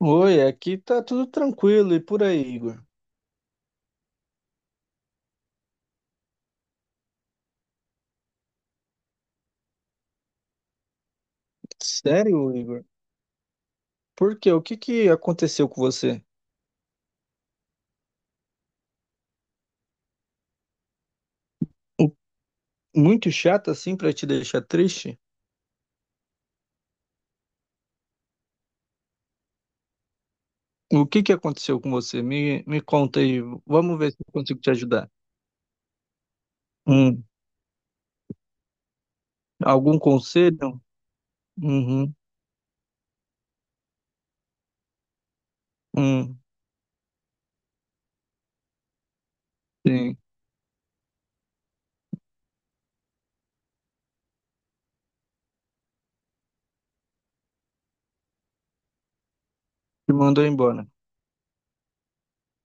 Oi, aqui tá tudo tranquilo e por aí, Igor? Sério, Igor? Por quê? O que que aconteceu com você? O- Muito chato assim pra te deixar triste? O que que aconteceu com você? Me conta aí. Vamos ver se eu consigo te ajudar. Hum, algum conselho? Uhum, hum, sim. Te mandou embora.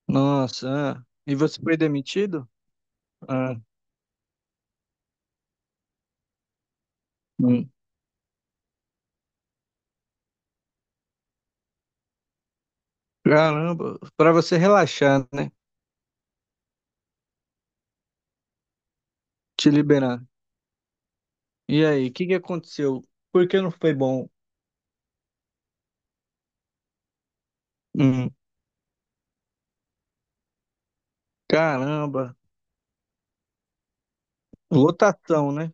Nossa, ah. E você foi demitido? Ah, hum. Caramba, pra você relaxar, né? Te liberar. E aí, o que que aconteceu? Por que não foi bom? Caramba, lotação, né?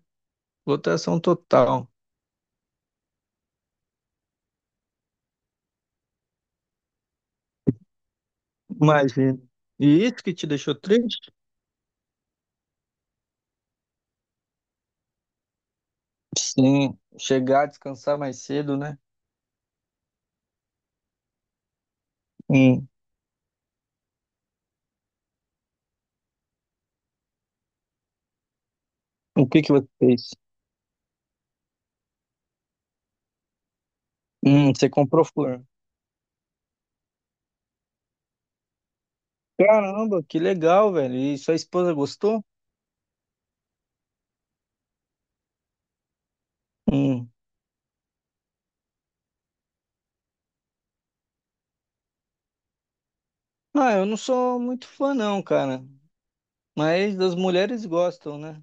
Lotação total, imagina. E isso que te deixou triste? Sim, chegar, descansar mais cedo, né? Hum, o que que você fez? Você comprou flor. Caramba, que legal, velho. E sua esposa gostou? Hum. Ah, eu não sou muito fã não, cara. Mas as mulheres gostam, né?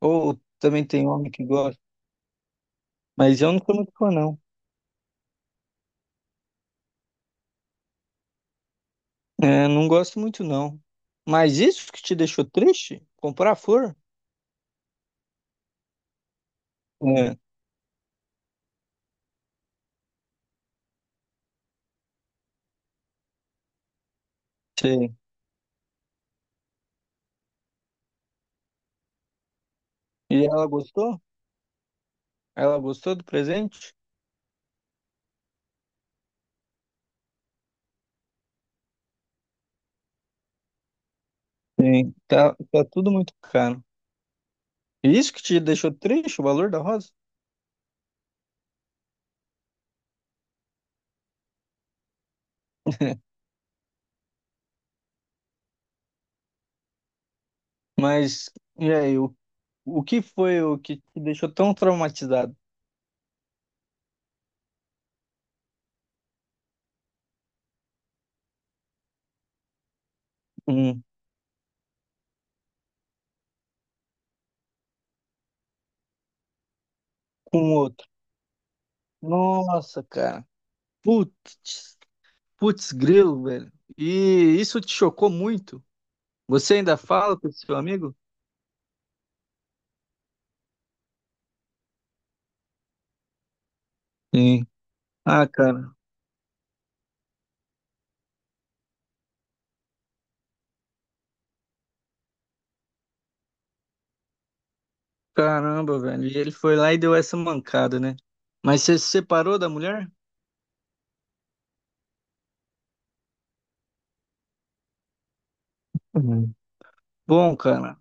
Ou também tem homem que gosta. Mas eu não sou muito fã não. É, não gosto muito não. Mas isso que te deixou triste? Comprar flor? É. Sim. E ela gostou? Ela gostou do presente? Sim. Tá, tá tudo muito caro. E isso que te deixou triste, o valor da rosa? Mas, e aí, o que foi o que te deixou tão traumatizado um com o outro? Nossa, cara. Putz, putz grilo, velho. E isso te chocou muito? Você ainda fala com esse seu amigo? Sim. Ah, cara. Caramba, velho. E ele foi lá e deu essa mancada, né? Mas você se separou da mulher? Uhum. Bom, cara.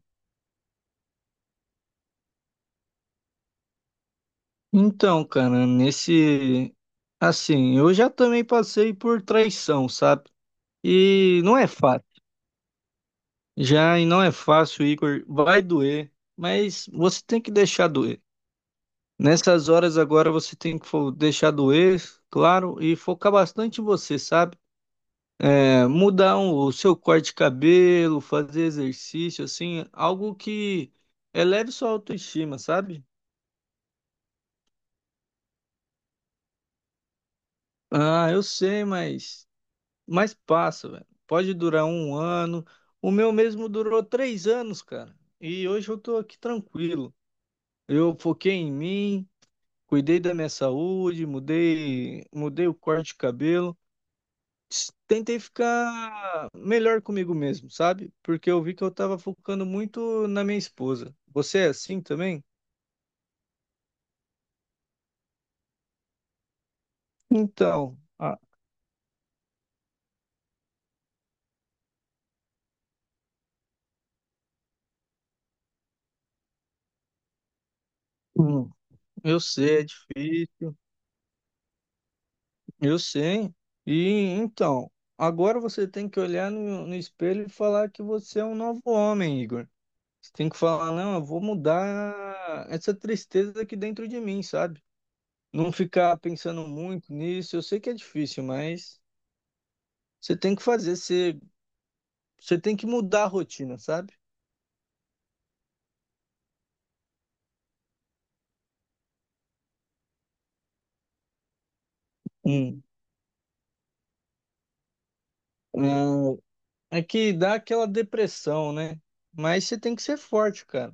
Então, cara, nesse. Assim, eu já também passei por traição, sabe? E não é fácil. Já e não é fácil, Igor. Vai doer, mas você tem que deixar doer. Nessas horas agora você tem que fo- deixar doer, claro, e focar bastante em você, sabe? É, mudar um- o seu corte de cabelo, fazer exercício, assim, algo que eleve sua autoestima, sabe? Ah, eu sei, mas. Mas passa, velho. Pode durar um ano. O meu mesmo durou 3 anos, cara. E hoje eu tô aqui tranquilo. Eu foquei em mim, cuidei da minha saúde, mudei o corte de cabelo. S- Tentei ficar melhor comigo mesmo, sabe? Porque eu vi que eu tava focando muito na minha esposa. Você é assim também? Então, ah, hum, eu sei, é difícil. Eu sei. E então, agora você tem que olhar no, no espelho e falar que você é um novo homem, Igor. Você tem que falar, não, eu vou mudar essa tristeza aqui dentro de mim, sabe? Não ficar pensando muito nisso. Eu sei que é difícil, mas você tem que fazer, você, você tem que mudar a rotina, sabe? Hum. É, é que dá aquela depressão, né? Mas você tem que ser forte, cara.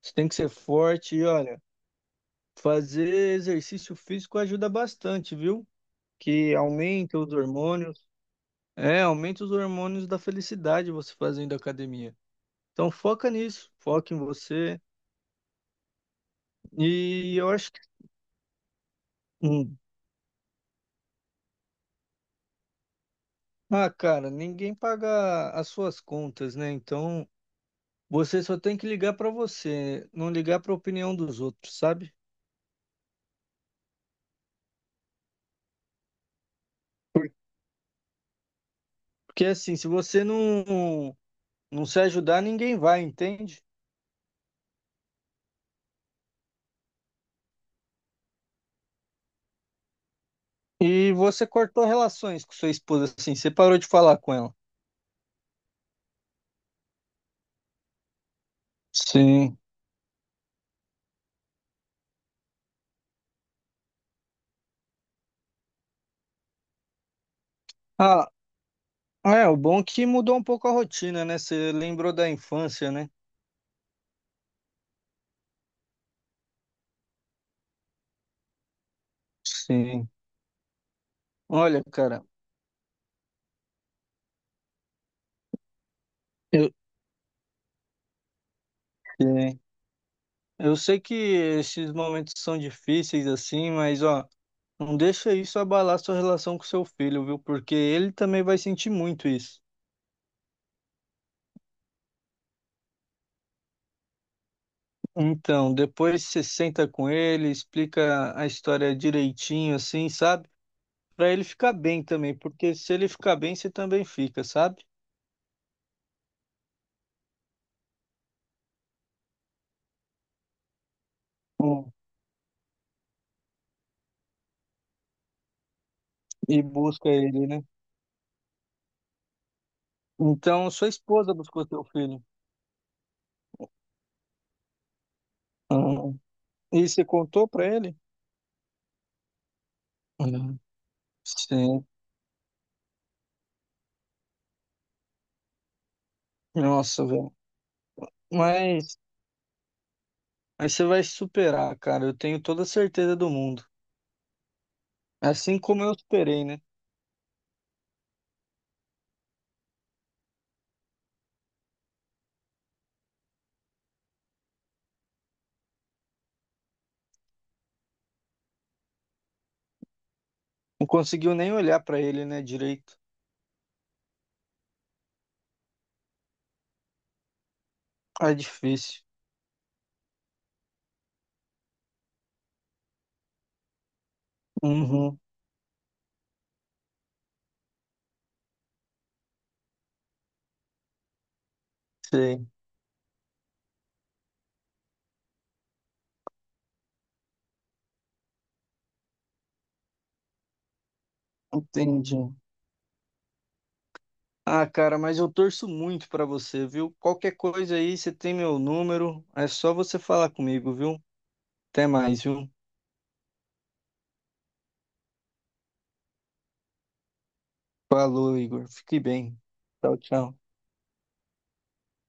Você tem que ser forte e olha, fazer exercício físico ajuda bastante, viu? Que aumenta os hormônios. É, aumenta os hormônios da felicidade você fazendo academia. Então foca nisso, foca em você. E eu acho que. Hum, ah, cara, ninguém paga as suas contas, né? Então você só tem que ligar pra você, não ligar pra opinião dos outros, sabe? Porque assim, se você não, não se ajudar, ninguém vai, entende? E você cortou relações com sua esposa, assim, você parou de falar com ela. Sim. Ah, é, o bom é que mudou um pouco a rotina, né? Você lembrou da infância, né? Sim. Olha, cara, eu, sim. Eu sei que esses momentos são difíceis, assim, mas, ó, não deixa isso abalar sua relação com seu filho, viu? Porque ele também vai sentir muito isso. Então, depois você senta com ele, explica a história direitinho, assim, sabe? Pra ele ficar bem também, porque se ele ficar bem, você também fica, sabe? Hum. E busca ele, né? Então, sua esposa buscou seu filho. Ah, e você contou pra ele? Hum, Sim. Nossa, velho. Mas, mas você vai superar, cara. Eu tenho toda a certeza do mundo. Assim como eu superei, né? Não conseguiu nem olhar pra ele, né, direito. Ah, é difícil. Uhum, sei. Entendi. Ah, cara, mas eu torço muito pra você, viu? Qualquer coisa aí, você tem meu número. É só você falar comigo, viu? Até mais, viu? Falou, Igor. Fique bem. Tchau, tchau.